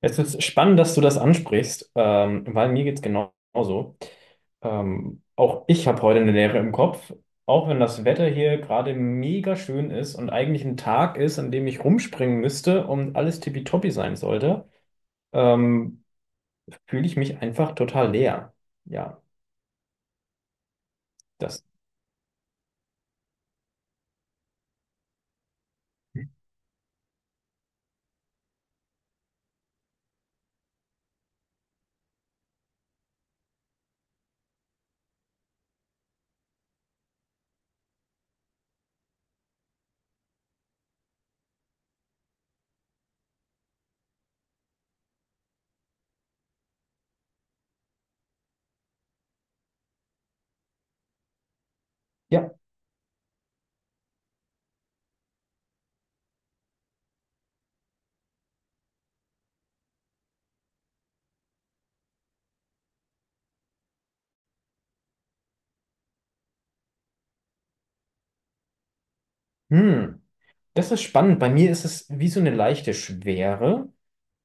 Es ist spannend, dass du das ansprichst, weil mir geht's genauso. Auch ich habe heute eine Leere im Kopf, auch wenn das Wetter hier gerade mega schön ist und eigentlich ein Tag ist, an dem ich rumspringen müsste und alles tippitoppi sein sollte, ähm, fühle ich mich einfach total leer. Ja, das, ja, hm, das ist spannend. Bei mir ist es wie so eine leichte Schwere.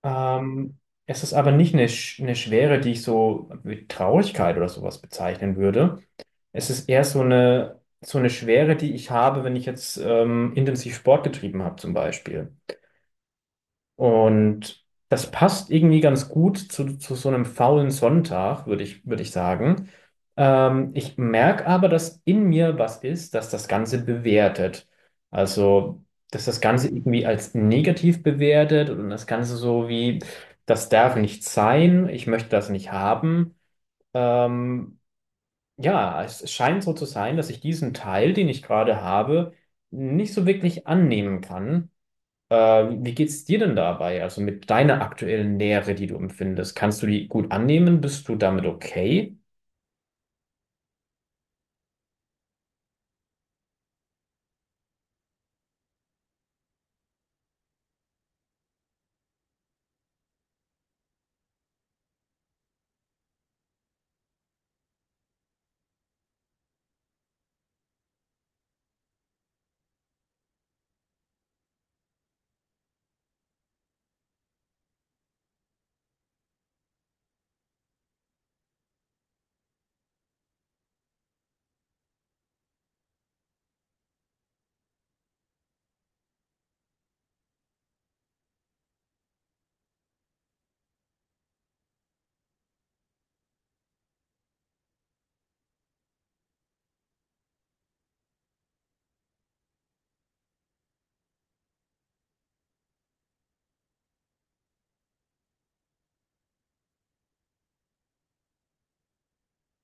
Ähm, Es ist aber nicht eine, eine Schwere, die ich so mit Traurigkeit oder sowas bezeichnen würde. Es ist eher so eine Schwere, die ich habe, wenn ich jetzt intensiv Sport getrieben habe, zum Beispiel. Und das passt irgendwie ganz gut zu so einem faulen Sonntag, würde ich sagen. Ich merke aber, dass in mir was ist, dass das Ganze bewertet. Also, dass das Ganze irgendwie als negativ bewertet und das Ganze so wie, das darf nicht sein, ich möchte das nicht haben. Ähm, ja, es scheint so zu sein, dass ich diesen Teil, den ich gerade habe, nicht so wirklich annehmen kann. Wie geht's dir denn dabei? Also mit deiner aktuellen Nähe, die du empfindest, kannst du die gut annehmen? Bist du damit okay?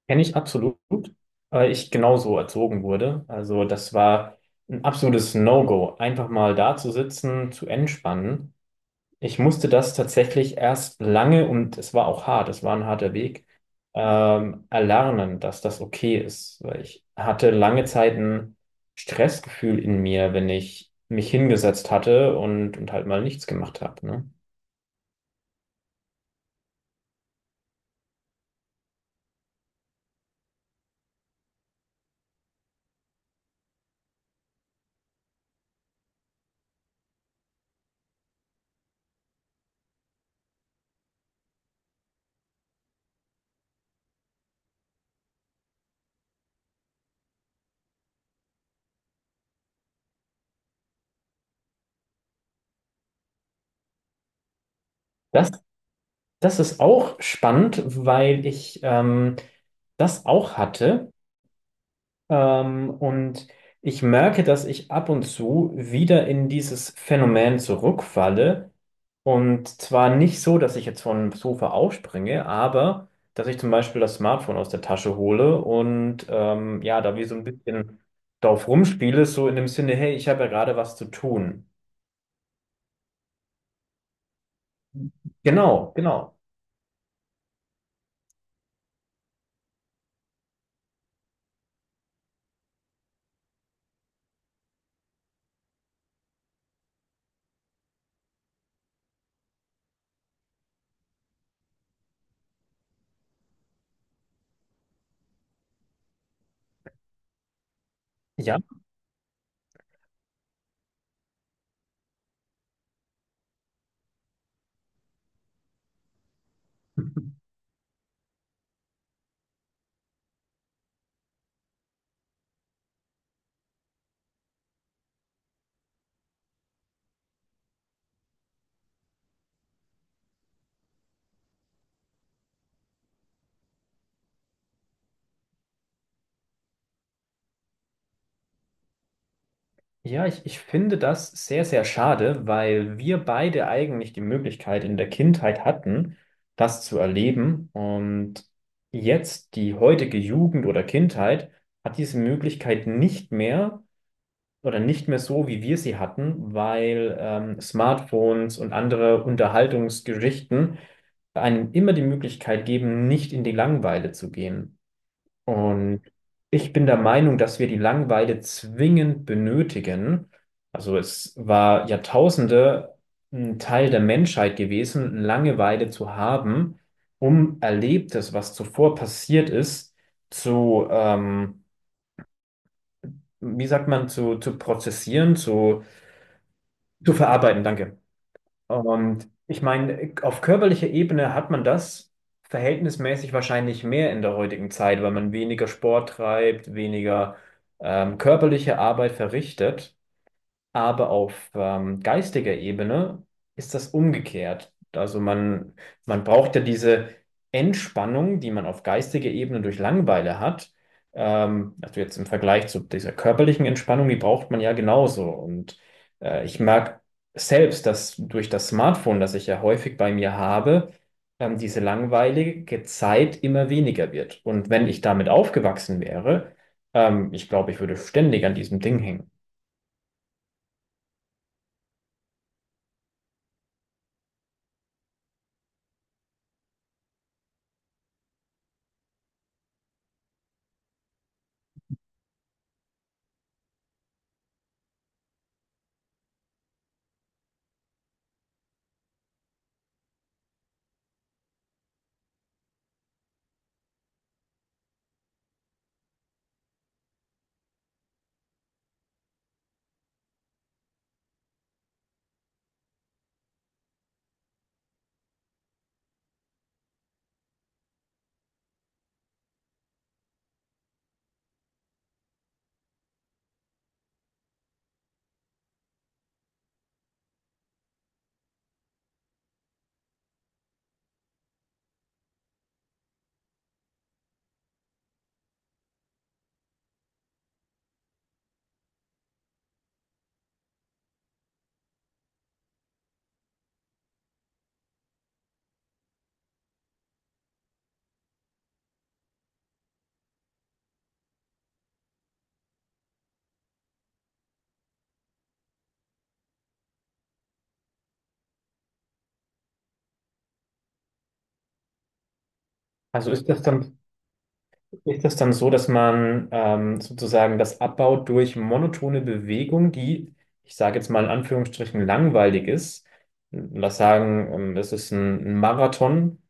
Kenne ich absolut, weil ich genauso erzogen wurde. Also das war ein absolutes No-Go, einfach mal da zu sitzen, zu entspannen. Ich musste das tatsächlich erst lange und es war auch hart, es war ein harter Weg, erlernen, dass das okay ist, weil ich hatte lange Zeit ein Stressgefühl in mir, wenn ich mich hingesetzt hatte und halt mal nichts gemacht habe, ne? Das, das ist auch spannend, weil ich das auch hatte. Und ich merke, dass ich ab und zu wieder in dieses Phänomen zurückfalle. Und zwar nicht so, dass ich jetzt vom Sofa aufspringe, aber dass ich zum Beispiel das Smartphone aus der Tasche hole und ja, da wie so ein bisschen drauf rumspiele, so in dem Sinne, hey, ich habe ja gerade was zu tun. Genau, genau. Ja. Ja, ich finde das sehr, sehr schade, weil wir beide eigentlich die Möglichkeit in der Kindheit hatten, das zu erleben. Und jetzt die heutige Jugend oder Kindheit hat diese Möglichkeit nicht mehr oder nicht mehr so, wie wir sie hatten, weil Smartphones und andere Unterhaltungsgeschichten einem immer die Möglichkeit geben, nicht in die Langeweile zu gehen. Und ich bin der Meinung, dass wir die Langeweile zwingend benötigen. Also es war Jahrtausende ein Teil der Menschheit gewesen, Langeweile zu haben, um Erlebtes, was zuvor passiert ist, zu, wie sagt man, zu prozessieren, zu verarbeiten. Danke. Und ich meine, auf körperlicher Ebene hat man das verhältnismäßig wahrscheinlich mehr in der heutigen Zeit, weil man weniger Sport treibt, weniger körperliche Arbeit verrichtet. Aber auf geistiger Ebene ist das umgekehrt. Also man braucht ja diese Entspannung, die man auf geistiger Ebene durch Langeweile hat. Also jetzt im Vergleich zu dieser körperlichen Entspannung, die braucht man ja genauso. Und ich merke selbst, dass durch das Smartphone, das ich ja häufig bei mir habe, diese langweilige Zeit immer weniger wird. Und wenn ich damit aufgewachsen wäre, ich glaube, ich würde ständig an diesem Ding hängen. Also ist das dann ist das dann so, dass man sozusagen das abbaut durch monotone Bewegung, die, ich sage jetzt mal in Anführungsstrichen, langweilig ist? Lass sagen, es ist ein Marathon,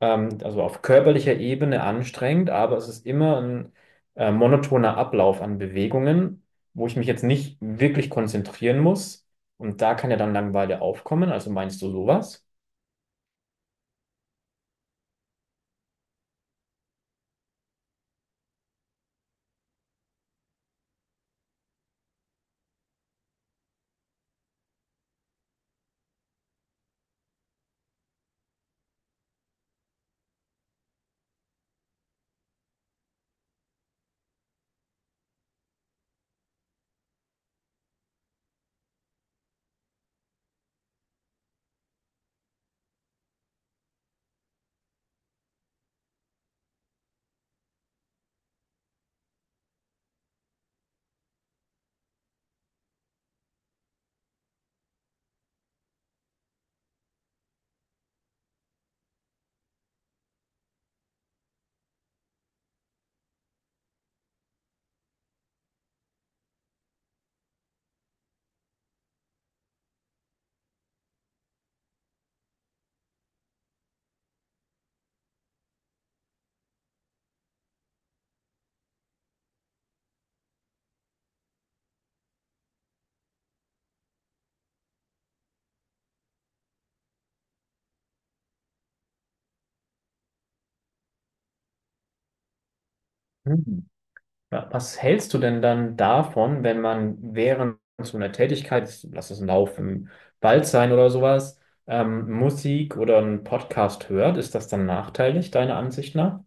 also auf körperlicher Ebene anstrengend, aber es ist immer ein monotoner Ablauf an Bewegungen, wo ich mich jetzt nicht wirklich konzentrieren muss. Und da kann ja dann Langeweile aufkommen. Also meinst du sowas? Hm. Ja, was hältst du denn dann davon, wenn man während so einer Tätigkeit, lass es ein Lauf im Wald sein oder sowas, Musik oder einen Podcast hört? Ist das dann nachteilig, deiner Ansicht nach?